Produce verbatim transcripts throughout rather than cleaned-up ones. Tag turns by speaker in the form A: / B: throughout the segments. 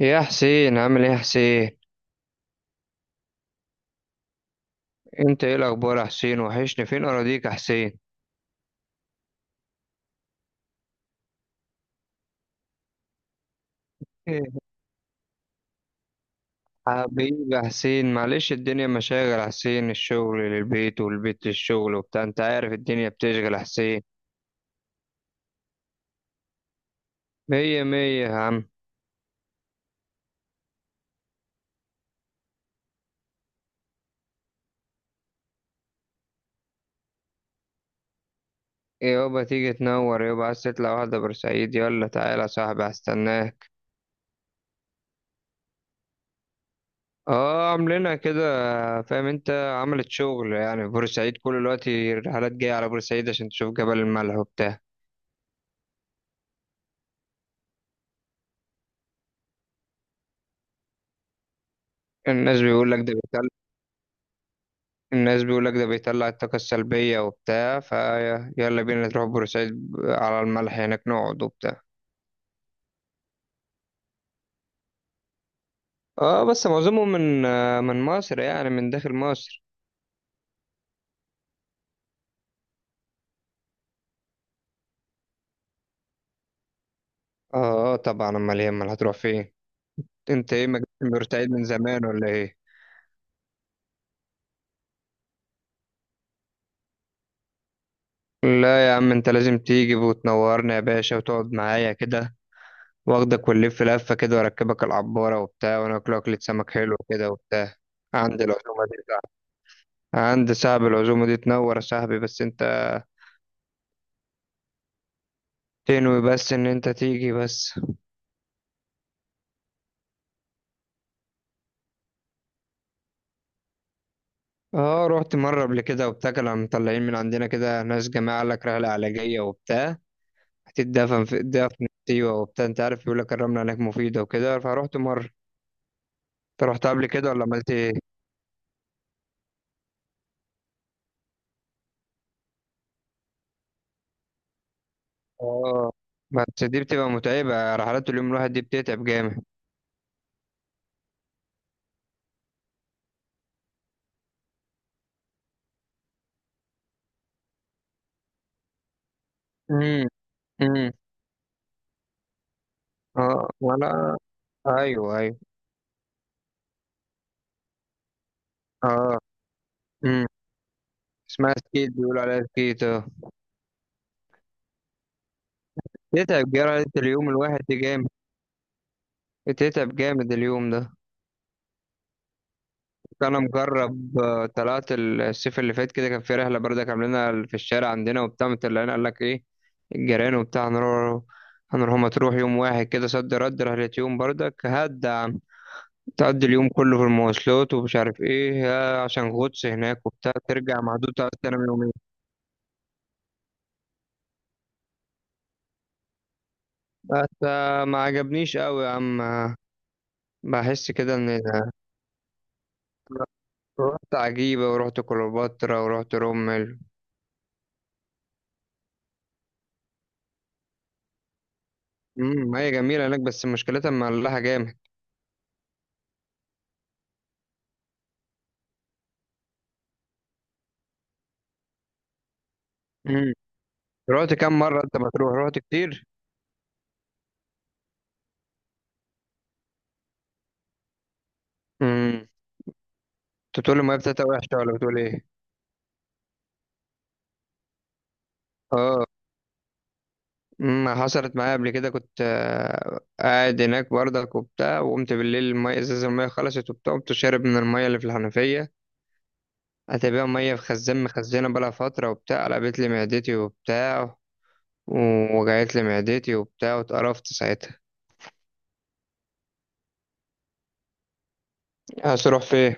A: إيه يا حسين، عامل ايه يا حسين؟ انت ايه الاخبار يا حسين؟ وحشني، فين اراضيك يا حسين؟ إيه، حبيبي يا حسين، معلش الدنيا مشاغل يا حسين. الشغل للبيت والبيت للشغل وبتاع، انت عارف الدنيا بتشغل يا حسين. مية مية يا عم. إيه يابا، تيجي تنور يابا؟ عايز تطلع واحدة بورسعيد؟ يلا تعالى يا صاحبي هستناك. اه، عاملينها كده. فاهم انت. عملت شغل يعني في بورسعيد، كل الوقت الرحلات جاية على بورسعيد عشان تشوف جبل الملح وبتاع. الناس بيقول لك ده الناس بيقولك ده بيطلع الطاقة السلبية وبتاع، فيلا بينا نروح بورسعيد على الملح هناك نقعد وبتاع. اه بس معظمهم من آه، من مصر، يعني من داخل مصر. اه. آه، طبعا، امال ايه امال هتروح فين؟ انت ايه ما جيتش بورسعيد من زمان ولا ايه؟ لا يا عم، انت لازم تيجي وتنورنا يا باشا وتقعد معايا كده. واخدك ونلف لفة كده واركبك العبارة وبتاع وناكل أكلة سمك حلو كده وبتاع. عند العزومة دي صعب عند صاحب العزومة دي تنور يا صاحبي، بس انت تنوي بس ان انت تيجي بس. اه، رحت مرة قبل كده وبتاع، كانوا مطلعين من عندنا كده ناس جماعة، قال لك رحلة علاجية وبتاع، هتتدفن في دفن في سيوة وبتاع، انت عارف، يقول لك الرملة هناك مفيدة وكده، فروحت مرة. انت رحت قبل كده ولا عملت ايه؟ اه بس دي بتبقى متعبة، رحلات اليوم الواحد دي بتتعب جامد. امم. امم. اه. ولا. ايوه ايوه. اه. امم. اسمها سكيت، بيقولوا عليها سكيت، اه. تتعب جامد، اليوم الواحد دي جامد، بتتعب جامد اليوم ده. انا مجرب، آه، طلعت الصيف اللي فات كده، كان في رحله بردك عاملينها في الشارع عندنا وبتاع، مطلعين قال لك ايه، الجيران وبتاع هنروح هنروح مطروح يوم واحد كده، صد رد، رحله يوم بردك هاد يا عم. تقضي اليوم كله في المواصلات، ومش عارف ايه، آه، عشان غطس هناك وبتاع، ترجع مهدود تقعد تنام يومين. بس آه، ما عجبنيش قوي يا عم آه، بحس كده ان آه، رحت عجيبة، ورحت كليوباترا، ورحت رمل. امم، هي جميلة هناك بس مشكلتها مملحة جامد. رحت كام مرة انت مطروح، رحت كتير؟ امم. انت بتقول المية بتاعتها وحشة ولا بتقول ايه؟ اه. امم. حصلت معايا قبل كده، كنت آه، قاعد هناك برضك وبتاع، وقمت بالليل المية، ازازة المية خلصت وبتاع، قمت شارب من المية اللي في الحنفية. هتبقى مية في خزان مخزنة بقالها فترة وبتاع، قلبت لي معدتي وبتاع، ووجعت لي معدتي وبتاع، واتقرفت ساعتها. عايز تروح فين؟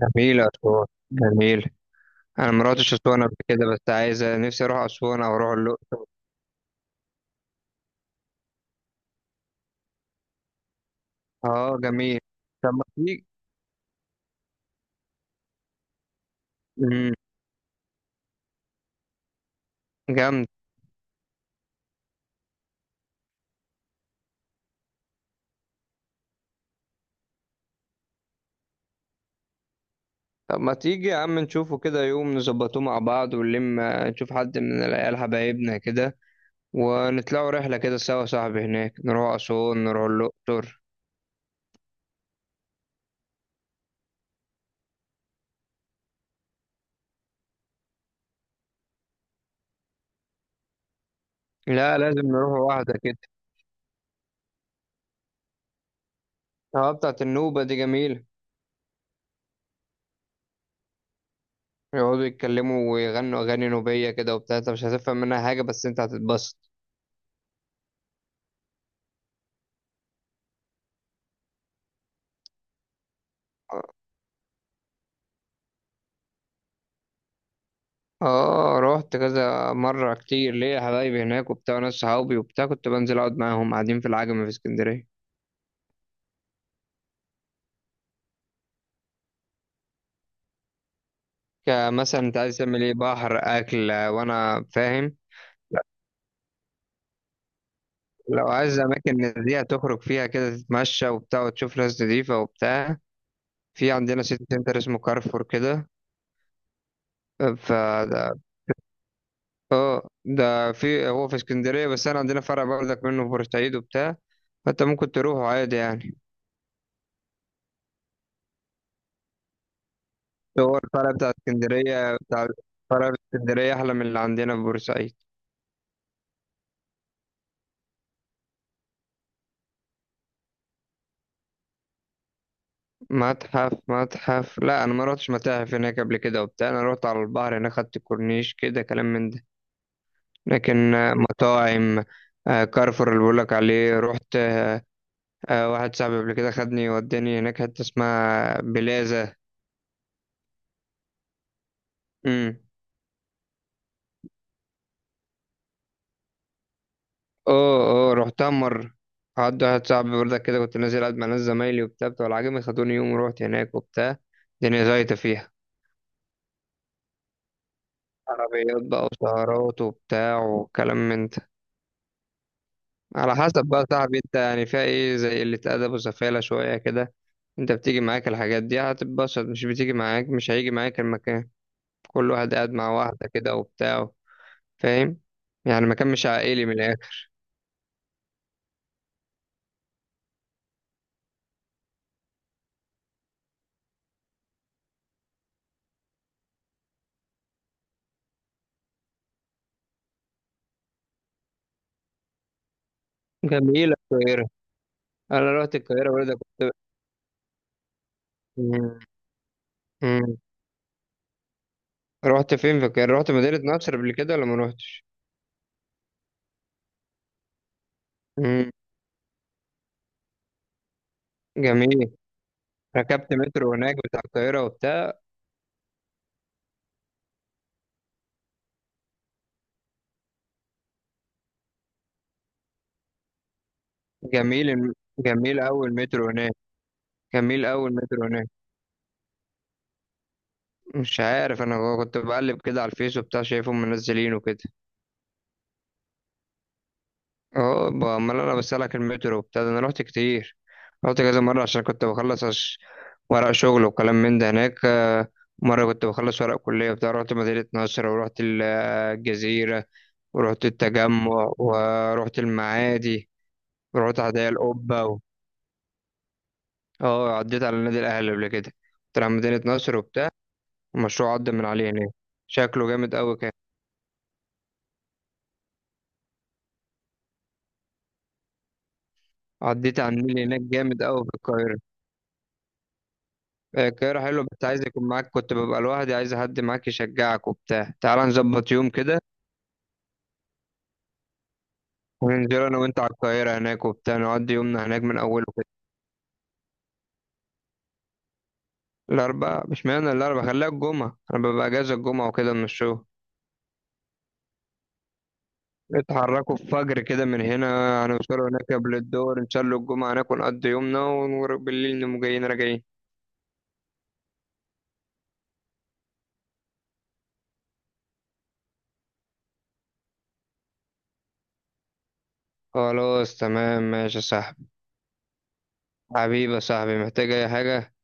A: جميلة أسوان. جميل. أنا مروحتش أسوان قبل كده، بس عايز نفسي أروح أسوان أو أروح الأقصر. اه جميل. طب ما تيجي. امم. جامد. طب ما تيجي يا عم نشوفه كده يوم، نظبطوه مع بعض، ونلم نشوف حد من العيال حبايبنا كده، ونطلعوا رحلة كده سوا يا صاحبي، هناك نروح أسوان نروح الأقصر. لا لازم نروح واحدة كده، اه بتاعت النوبة دي جميلة. يقعدوا يتكلموا ويغنوا أغاني نوبية كده وبتاع، انت مش هتفهم منها حاجة بس انت هتتبسط. اه رحت كذا مرة كتير، ليا حبايبي هناك وبتاع، ناس صحابي وبتاع، كنت بنزل أقعد معاهم قاعدين في العجمي في اسكندرية. كمثلا انت عايز تعمل ايه، بحر، اكل، وانا فاهم. لو عايز اماكن نزيهة تخرج فيها كده تتمشى وبتاع وتشوف ناس نضيفة وبتاع، في عندنا سيتي سنتر اسمه كارفور كده. فده ده ده في هو في اسكندرية، بس انا عندنا فرع برضك منه في بورسعيد وبتاع، فانت ممكن تروحه عادي يعني. هو الفرع بتاع اسكندرية بتاع فرع في اسكندرية احلى من اللي عندنا في بورسعيد. متحف متحف لا، انا ما رحتش متاحف هناك قبل كده وبتاع، انا رحت على البحر هناك، خدت كورنيش كده، كلام من ده. لكن آه، مطاعم، آه، كارفور اللي بقولك عليه رحت. آه، واحد صاحبي قبل كده خدني وداني هناك حتة اسمها بلازا. امم. اه اه. رحتها مرة، قعدت واحد صاحبي برضك كده، كنت نازل قاعد مع ناس زمايلي وبتاع، بتوع العجمي خدوني يوم ورحت هناك وبتاع. الدنيا زيطة فيها، عربيات بقى وسهرات وبتاع وكلام من ده. على حسب بقى صاحبي انت يعني، فيها ايه زي اللي اتأدب وسفالة شوية كده. انت بتيجي معاك الحاجات دي هتتبسط، مش بتيجي معاك مش هيجي معاك المكان، كل واحد قاعد مع واحدة كده وبتاع. فاهم، يعني مكان مش عائلي من الآخر. جميلة القاهرة. أنا رحت القاهرة برضه كنت. مم. مم. رحت فين في القاهرة، رحت مدينة نصر قبل كده ولا ما رحتش؟ مم. جميل. ركبت مترو هناك بتاع القاهرة وبتاع؟ جميل الم- جميل أول مترو هناك. جميل أول مترو هناك مش عارف، أنا كنت بقلب كده على الفيس وبتاع شايفهم منزلينه كده. اه، ب- امال انا بسألك المترو وبتاع ده، انا رحت كتير. رحت كذا مرة عشان كنت بخلص أش- ورق شغل وكلام من ده هناك. آه، مرة كنت بخلص ورق كلية وبتاع، رحت مدينة نصر ورحت ال- الجزيرة ورحت التجمع ورحت المعادي ورحت هدايا القبة و. اه، عديت على نادي الأهلي قبل كده، كنت على مدينة نصر وبتاع، المشروع عدى من عليه هناك، شكله جامد أوي كان. عديت على النيل هناك جامد أوي في القاهرة. آه، القاهرة حلوة بس عايز يكون معاك، كنت ببقى لوحدي، عايز حد معاك يشجعك وبتاع، تعال نظبط يوم كده وننزل أنا وأنت على القاهرة هناك وبتاع، نقضي يومنا هناك من أوله كده. الأربعاء، مش معنى الأربعاء، خليها الجمعة، أنا ببقى أجازة الجمعة وكده من الشغل. اتحركوا الفجر كده من هنا، هنوصلوا هناك قبل الدور، نصلوا الجمعة هناك ونقضي يومنا، وبالليل نقوم جايين راجعين. خلاص تمام ماشي يا صاحبي. حبيبي يا صاحبي، محتاج أي حاجة؟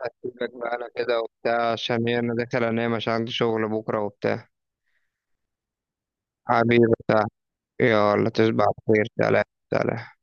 A: أسيبك بقى أنا كده وبتاع، عشان هي أنا داخل أنام عشان عندي شغل بكرة وبتاع. حبيبي يا صاحبي. يلا تصبح على خير، سلام. سلام.